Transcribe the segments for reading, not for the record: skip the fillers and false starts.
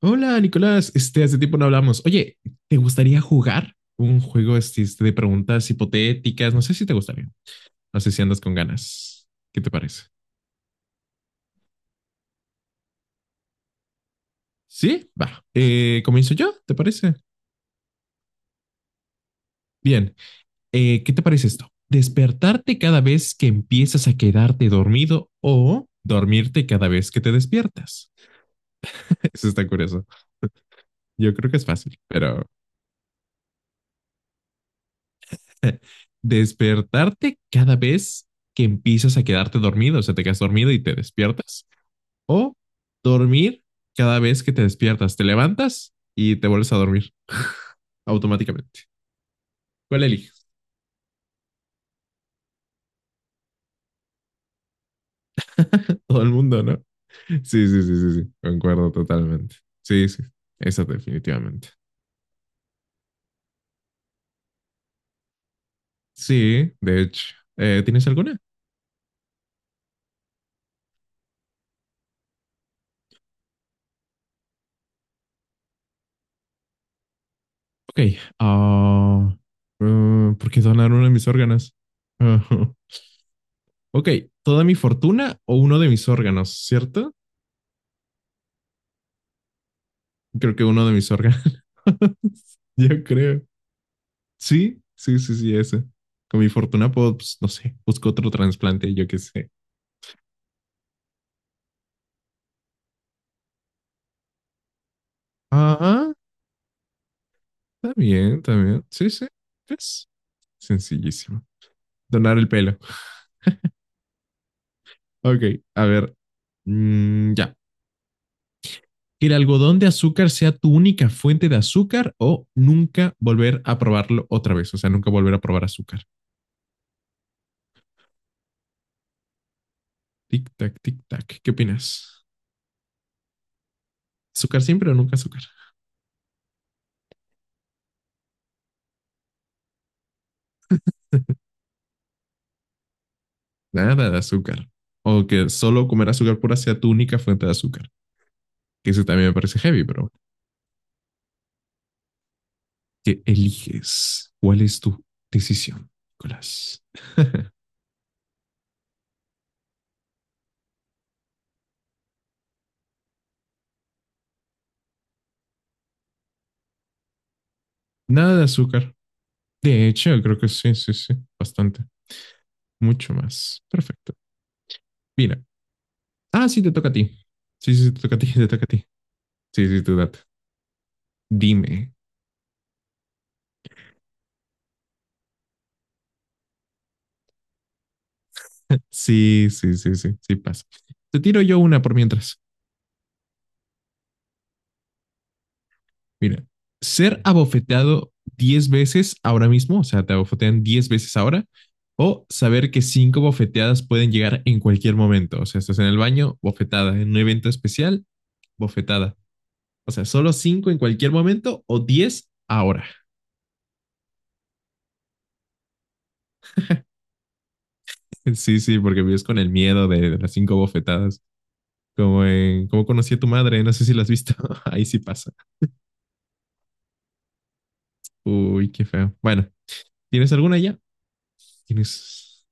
Hola, Nicolás. Este, hace tiempo no hablamos. Oye, ¿te gustaría jugar un juego de preguntas hipotéticas? No sé si te gustaría. No sé si andas con ganas. ¿Qué te parece? Sí, va. Comienzo yo, ¿te parece? Bien. ¿Qué te parece esto? Despertarte cada vez que empiezas a quedarte dormido o dormirte cada vez que te despiertas. Eso está curioso. Yo creo que es fácil, pero despertarte cada vez que empiezas a quedarte dormido, o sea, te quedas dormido y te despiertas. O dormir cada vez que te despiertas. Te levantas y te vuelves a dormir automáticamente. ¿Cuál eliges? Todo el mundo, ¿no? Sí, sí, sí, sí, sí. Concuerdo totalmente. Sí, sí. Esa definitivamente. Sí, de hecho. ¿Tienes alguna? Ok. ah, ¿por qué donar uno de mis órganos? Ujú. Ok. ¿Toda mi fortuna o uno de mis órganos, cierto? Creo que uno de mis órganos. Yo creo. Sí, sí, sí, sí, esa. Con mi fortuna puedo, pues, no sé, busco otro trasplante, yo qué sé. Ajá, está bien, está bien. Sí, sí, es sencillísimo. Donar el pelo. Ok, a ver, ya. Que el algodón de azúcar sea tu única fuente de azúcar o nunca volver a probarlo otra vez, o sea, nunca volver a probar azúcar. Tic tac, tic tac. ¿Qué opinas? ¿Azúcar siempre o nunca azúcar? Nada de azúcar. O que solo comer azúcar pura sea tu única fuente de azúcar. Que eso también me parece heavy, pero bueno. Que eliges cuál es tu decisión, Nicolás. Nada de azúcar. De hecho, creo que sí, sí, sí, bastante. Mucho más. Perfecto. Mira. Ah, sí, te toca a ti. Sí, sí, sí, te toca a ti, te toca a ti. Sí, sí, tú date. Dime. Sí, sí, sí, sí, sí pasa. Te tiro yo una por mientras. Mira, ser abofeteado 10 veces ahora mismo, o sea, te abofetean 10 veces ahora, o saber que cinco bofeteadas pueden llegar en cualquier momento. O sea, estás en el baño, bofetada, en un evento especial, bofetada. O sea, solo cinco en cualquier momento o 10 ahora. Sí, sí, porque vives con el miedo de las cinco bofetadas. Como en Cómo conocí a tu madre, no sé si la has visto. Ahí sí pasa. Uy, qué feo. Bueno, ¿tienes alguna ya? Tienes.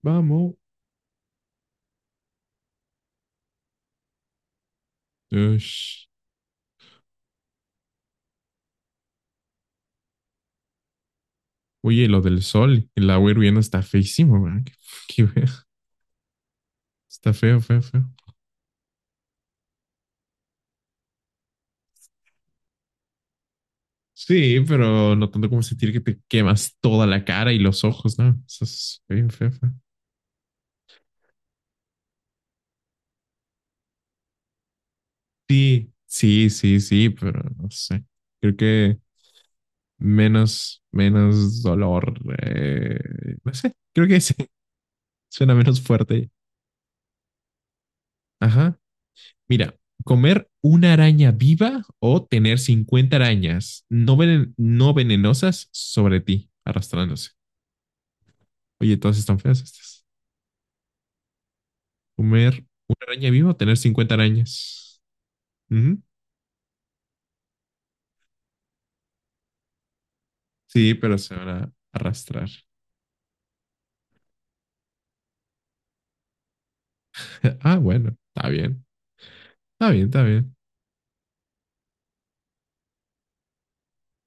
Vamos. Ush. Oye, lo del sol, el agua hirviendo está feísimo, ¿verdad? Qué feo. Está feo, feo, feo. Sí, pero no tanto como sentir que te quemas toda la cara y los ojos, ¿no? Eso es bien feo, feo. Sí, sí, sí, sí, pero no sé. Creo que menos dolor. eh, no sé, creo que sí, suena menos fuerte. Ajá. Mira, comer una araña viva o tener 50 arañas no, no venenosas sobre ti, arrastrándose. Oye, todas están feas estas. Comer una araña viva o tener 50 arañas. Ujú. Sí, pero se van a arrastrar. Ah, bueno, está bien. Está bien, está bien.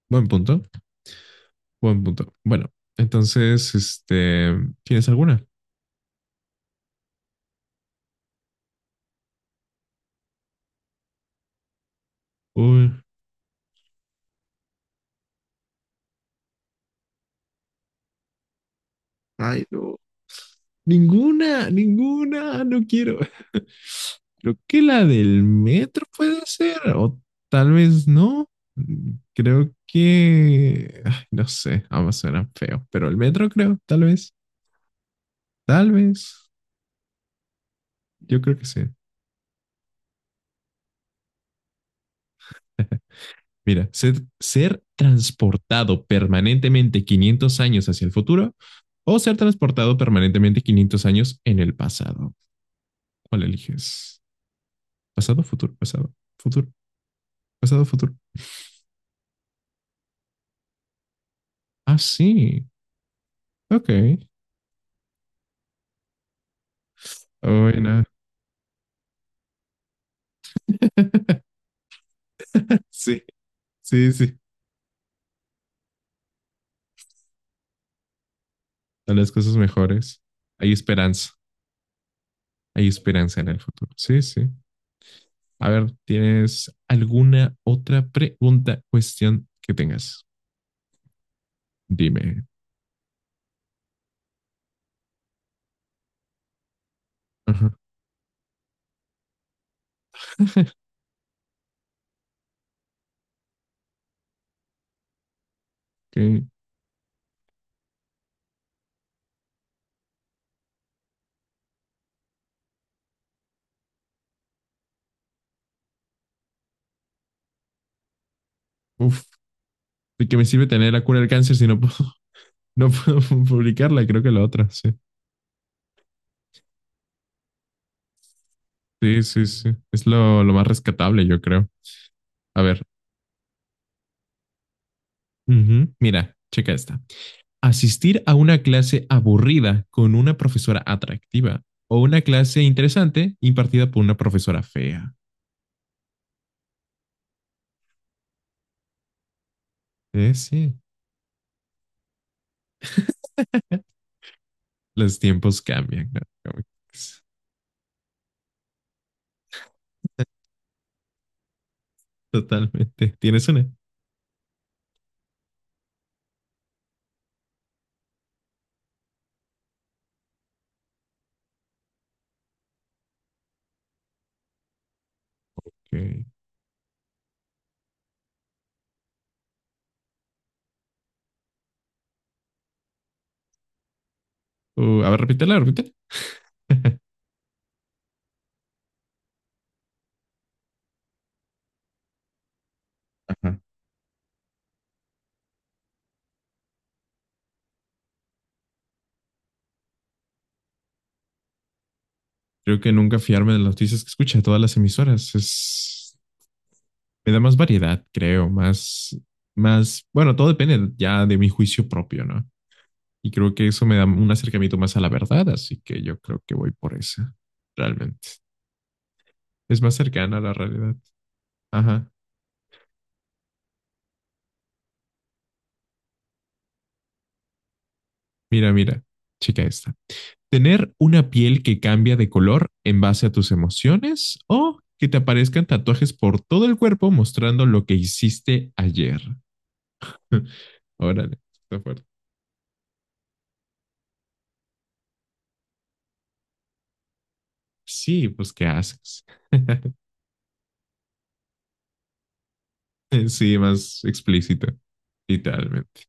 Buen punto. Buen punto. Bueno, entonces, este, ¿tienes alguna? Uy, ay, no. Ninguna, ninguna, no quiero. Creo que la del metro puede ser, o tal vez no. Creo que, ay, no sé, ambas suenan feo, pero el metro creo, tal vez, tal vez. Yo creo que sí. Mira, ser transportado permanentemente 500 años hacia el futuro o ser transportado permanentemente 500 años en el pasado. ¿Cuál eliges? Pasado, futuro, pasado, futuro, pasado, futuro. Ah, sí. Ok. Buena. Sí, sí, sí. A las cosas mejores. Hay esperanza. Hay esperanza en el futuro. Sí, sí. A ver, ¿tienes alguna otra pregunta, cuestión que tengas? Dime. Ajá. Que, uf, ¿de qué me sirve tener la cura del cáncer si no puedo, no puedo publicarla? Creo que la otra, sí. Sí, sí, sí. Es lo más rescatable, yo creo. A ver, ujú, mira, checa esta. Asistir a una clase aburrida con una profesora atractiva o una clase interesante impartida por una profesora fea. Sí. Los tiempos cambian, ¿no? Como sí. Totalmente. ¿Tienes una? Ok. A ver, repítela, repítela. Creo que nunca fiarme de las noticias que escucha todas las emisoras. Es, me da más variedad, creo, más, bueno, todo depende ya de mi juicio propio, ¿no? Y creo que eso me da un acercamiento más a la verdad, así que yo creo que voy por esa, realmente. Es más cercana a la realidad. Ajá. Mira, mira, chica esta. ¿Tener una piel que cambia de color en base a tus emociones o que te aparezcan tatuajes por todo el cuerpo mostrando lo que hiciste ayer? Órale, está fuerte. Sí, pues ¿qué haces? Sí, más explícito, literalmente.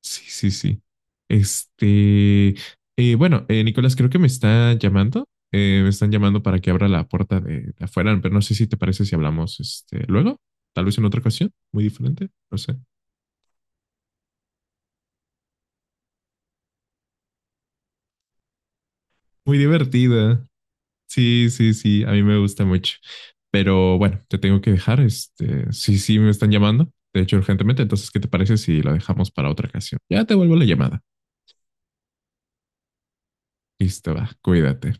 Sí, sí, sí. Este, bueno, Nicolás, creo que me está llamando. Me están llamando para que abra la puerta de afuera, pero no sé si te parece si hablamos este, luego, tal vez en otra ocasión, muy diferente, no sé. Muy divertida. Sí, sí, sí, a mí me gusta mucho. Pero bueno, te tengo que dejar. Este, sí, sí, me están llamando, de hecho, urgentemente. Entonces, ¿qué te parece si lo dejamos para otra ocasión? Ya te vuelvo la llamada. Listo, va, cuídate.